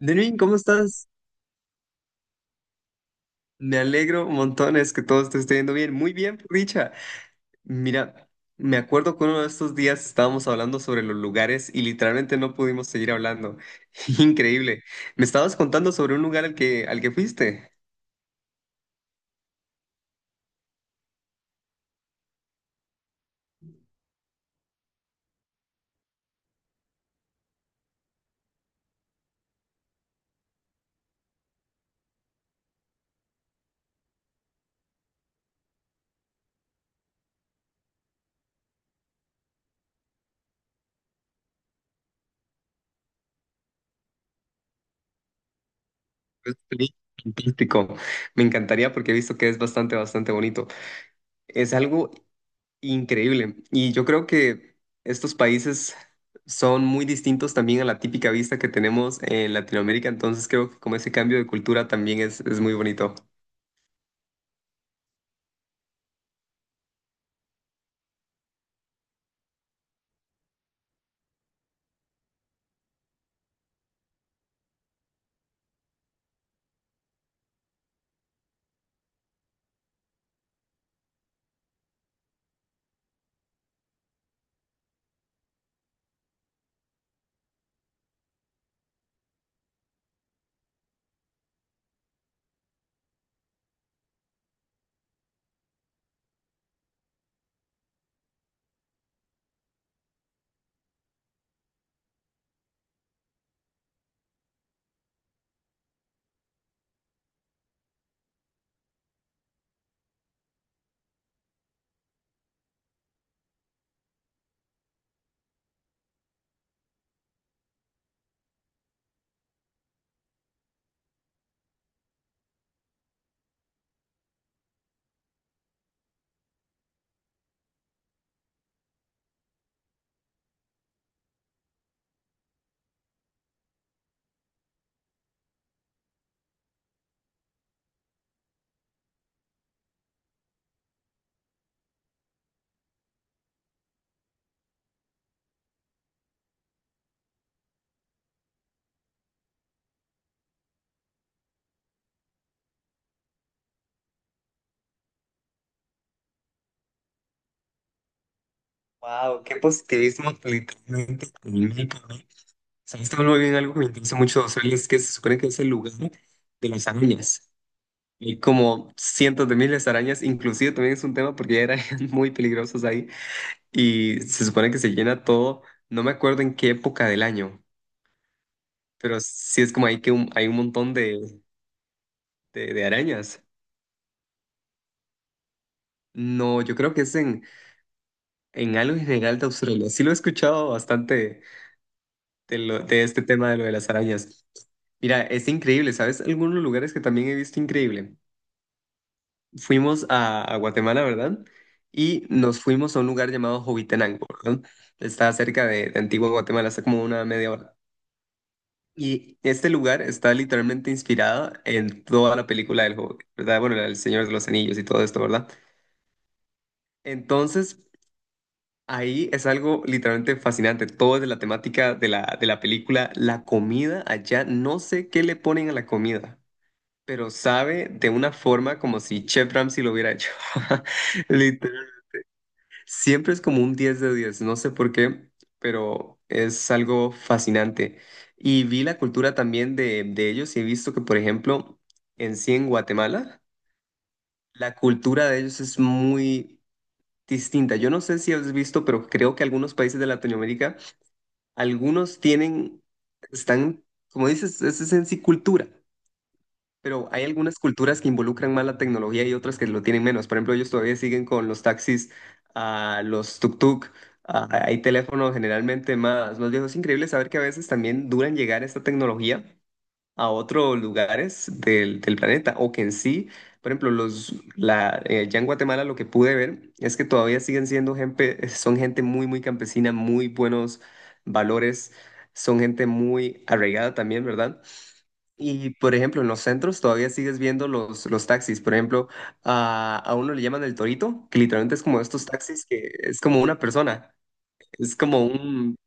Delvin, ¿cómo estás? Me alegro montones que todo te esté yendo bien. Muy bien, por dicha. Mira, me acuerdo que uno de estos días estábamos hablando sobre los lugares y literalmente no pudimos seguir hablando. Increíble. Me estabas contando sobre un lugar al que fuiste. Es fantástico. Me encantaría porque he visto que es bastante bonito. Es algo increíble. Y yo creo que estos países son muy distintos también a la típica vista que tenemos en Latinoamérica, entonces creo que como ese cambio de cultura también es muy bonito. Wow, qué positivismo literalmente, técnico, ¿no? Sabes, muy bien, algo que me interesa mucho de Australia es que se supone que es el lugar de las arañas. Hay como cientos de miles de arañas, inclusive también es un tema porque hay arañas muy peligrosas ahí, y se supone que se llena todo, no me acuerdo en qué época del año, pero sí es como ahí que hay un montón de arañas. No, yo creo que es en algo en general de Australia. Sí lo he escuchado bastante de este tema de lo de las arañas. Mira, es increíble, ¿sabes? Algunos lugares que también he visto increíble. Fuimos a Guatemala, ¿verdad? Y nos fuimos a un lugar llamado Jovitenango, ¿verdad? Está cerca de Antigua Guatemala, está como una media hora. Y este lugar está literalmente inspirado en toda la película del Hobbit, ¿verdad? Bueno, el Señor de los Anillos y todo esto, ¿verdad? Entonces, ahí es algo literalmente fascinante. Todo es de la temática de la película. La comida allá, no sé qué le ponen a la comida, pero sabe de una forma como si Chef Ramsay lo hubiera hecho. Literal. Siempre es como un 10 de 10, no sé por qué, pero es algo fascinante. Y vi la cultura también de ellos, y he visto que, por ejemplo, en sí en Guatemala, la cultura de ellos es muy distinta. Yo no sé si has visto, pero creo que algunos países de Latinoamérica, algunos tienen, están, como dices, es en sí cultura, pero hay algunas culturas que involucran más la tecnología y otras que lo tienen menos. Por ejemplo, ellos todavía siguen con los taxis, ah, los tuk-tuk. Ah, hay teléfonos generalmente más viejos. Es increíble saber que a veces también duran llegar esta tecnología a otros lugares del planeta, o que en sí, por ejemplo, ya en Guatemala lo que pude ver es que todavía siguen siendo gente, son gente muy campesina, muy buenos valores, son gente muy arraigada también, ¿verdad? Y, por ejemplo, en los centros todavía sigues viendo los taxis. Por ejemplo, a uno le llaman el torito, que literalmente es como estos taxis que es como una persona. Es como un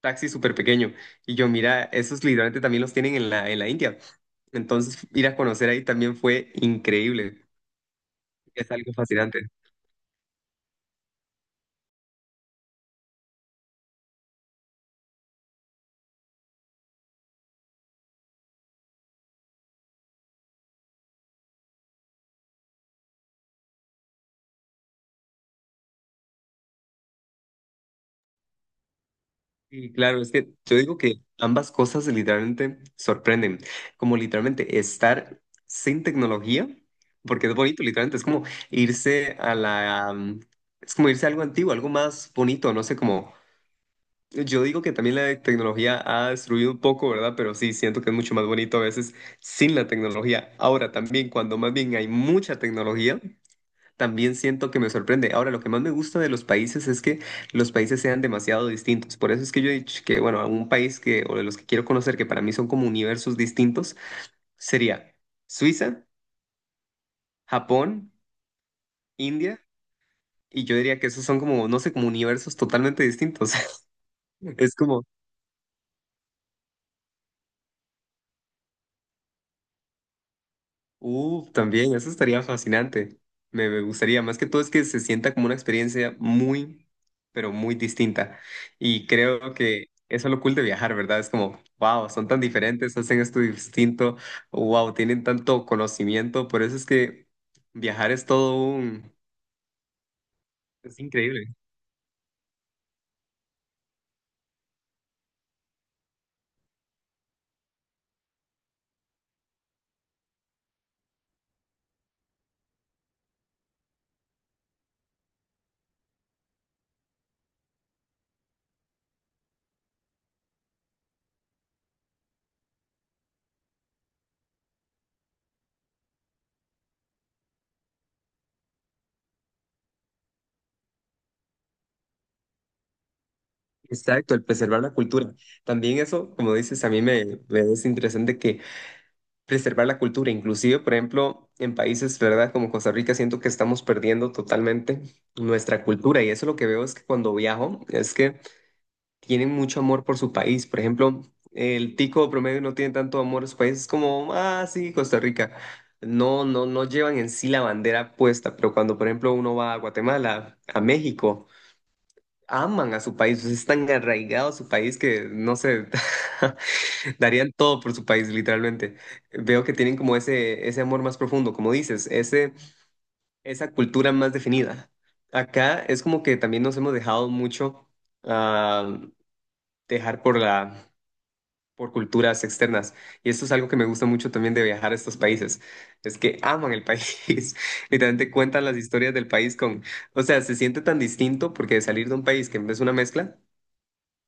taxi súper pequeño. Y yo, mira, esos literalmente también los tienen en la India. Entonces, ir a conocer ahí también fue increíble. Es algo fascinante. Y claro, es que yo digo que ambas cosas literalmente sorprenden. Como literalmente estar sin tecnología, porque es bonito, literalmente. Irse a la... um, Es como irse a algo antiguo, algo más bonito, no sé. Como yo digo, que también la tecnología ha destruido un poco, ¿verdad? Pero sí, siento que es mucho más bonito a veces sin la tecnología. Ahora también, cuando más bien hay mucha tecnología, también siento que me sorprende. Ahora, lo que más me gusta de los países es que los países sean demasiado distintos. Por eso es que yo he dicho que, bueno, un país que, o de los que quiero conocer, que para mí son como universos distintos, sería Suiza, Japón, India, y yo diría que esos son como, no sé, como universos totalmente distintos. Es como... uh, también, eso estaría fascinante. Me gustaría, más que todo, es que se sienta como una experiencia muy, pero muy distinta. Y creo que eso es lo cool de viajar, ¿verdad? Es como, wow, son tan diferentes, hacen esto distinto, wow, tienen tanto conocimiento. Por eso es que viajar es todo un... Es increíble. Exacto, el preservar la cultura. También eso, como dices, a mí me es interesante que preservar la cultura. Inclusive, por ejemplo, en países, ¿verdad? Como Costa Rica, siento que estamos perdiendo totalmente nuestra cultura. Y eso lo que veo es que cuando viajo, es que tienen mucho amor por su país. Por ejemplo, el tico promedio no tiene tanto amor a su país. Es como, ah, sí, Costa Rica. No llevan en sí la bandera puesta. Pero cuando, por ejemplo, uno va a Guatemala, a México, aman a su país. Es tan arraigado a su país que, no sé, darían todo por su país, literalmente. Veo que tienen como ese amor más profundo, como dices, ese, esa cultura más definida. Acá es como que también nos hemos dejado mucho ah, dejar por por culturas externas. Y esto es algo que me gusta mucho también de viajar a estos países. Es que aman el país. Literalmente cuentan las historias del país con, o sea, se siente tan distinto porque de salir de un país que es una mezcla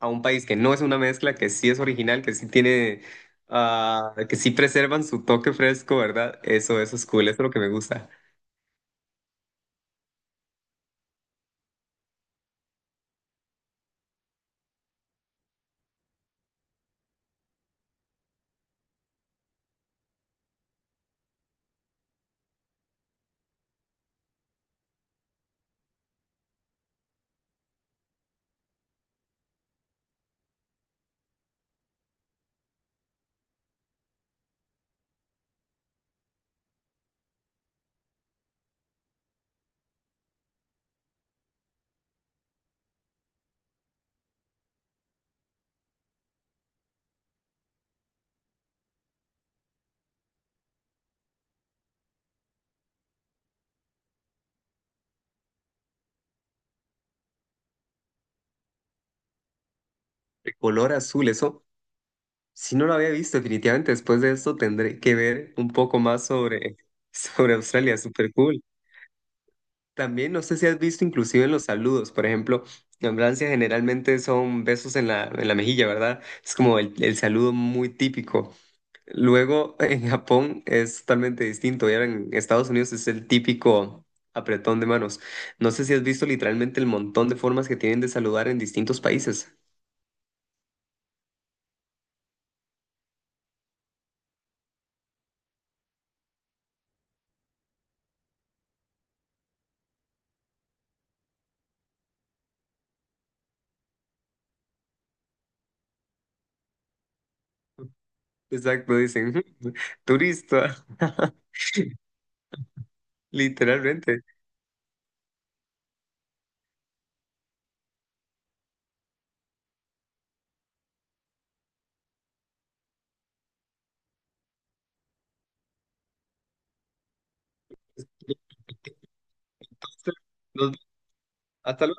a un país que no es una mezcla, que sí es original, que sí tiene, ah, que sí preservan su toque fresco, ¿verdad? Eso es cool, eso es lo que me gusta. El color azul, eso, si no lo había visto, definitivamente después de esto tendré que ver un poco más sobre, sobre Australia, súper cool. También no sé si has visto inclusive en los saludos, por ejemplo, en Francia generalmente son besos en la mejilla, ¿verdad? Es como el saludo muy típico. Luego en Japón es totalmente distinto. Y ahora en Estados Unidos es el típico apretón de manos. No sé si has visto literalmente el montón de formas que tienen de saludar en distintos países. Exacto, dicen "ujú, turista", literalmente. Hasta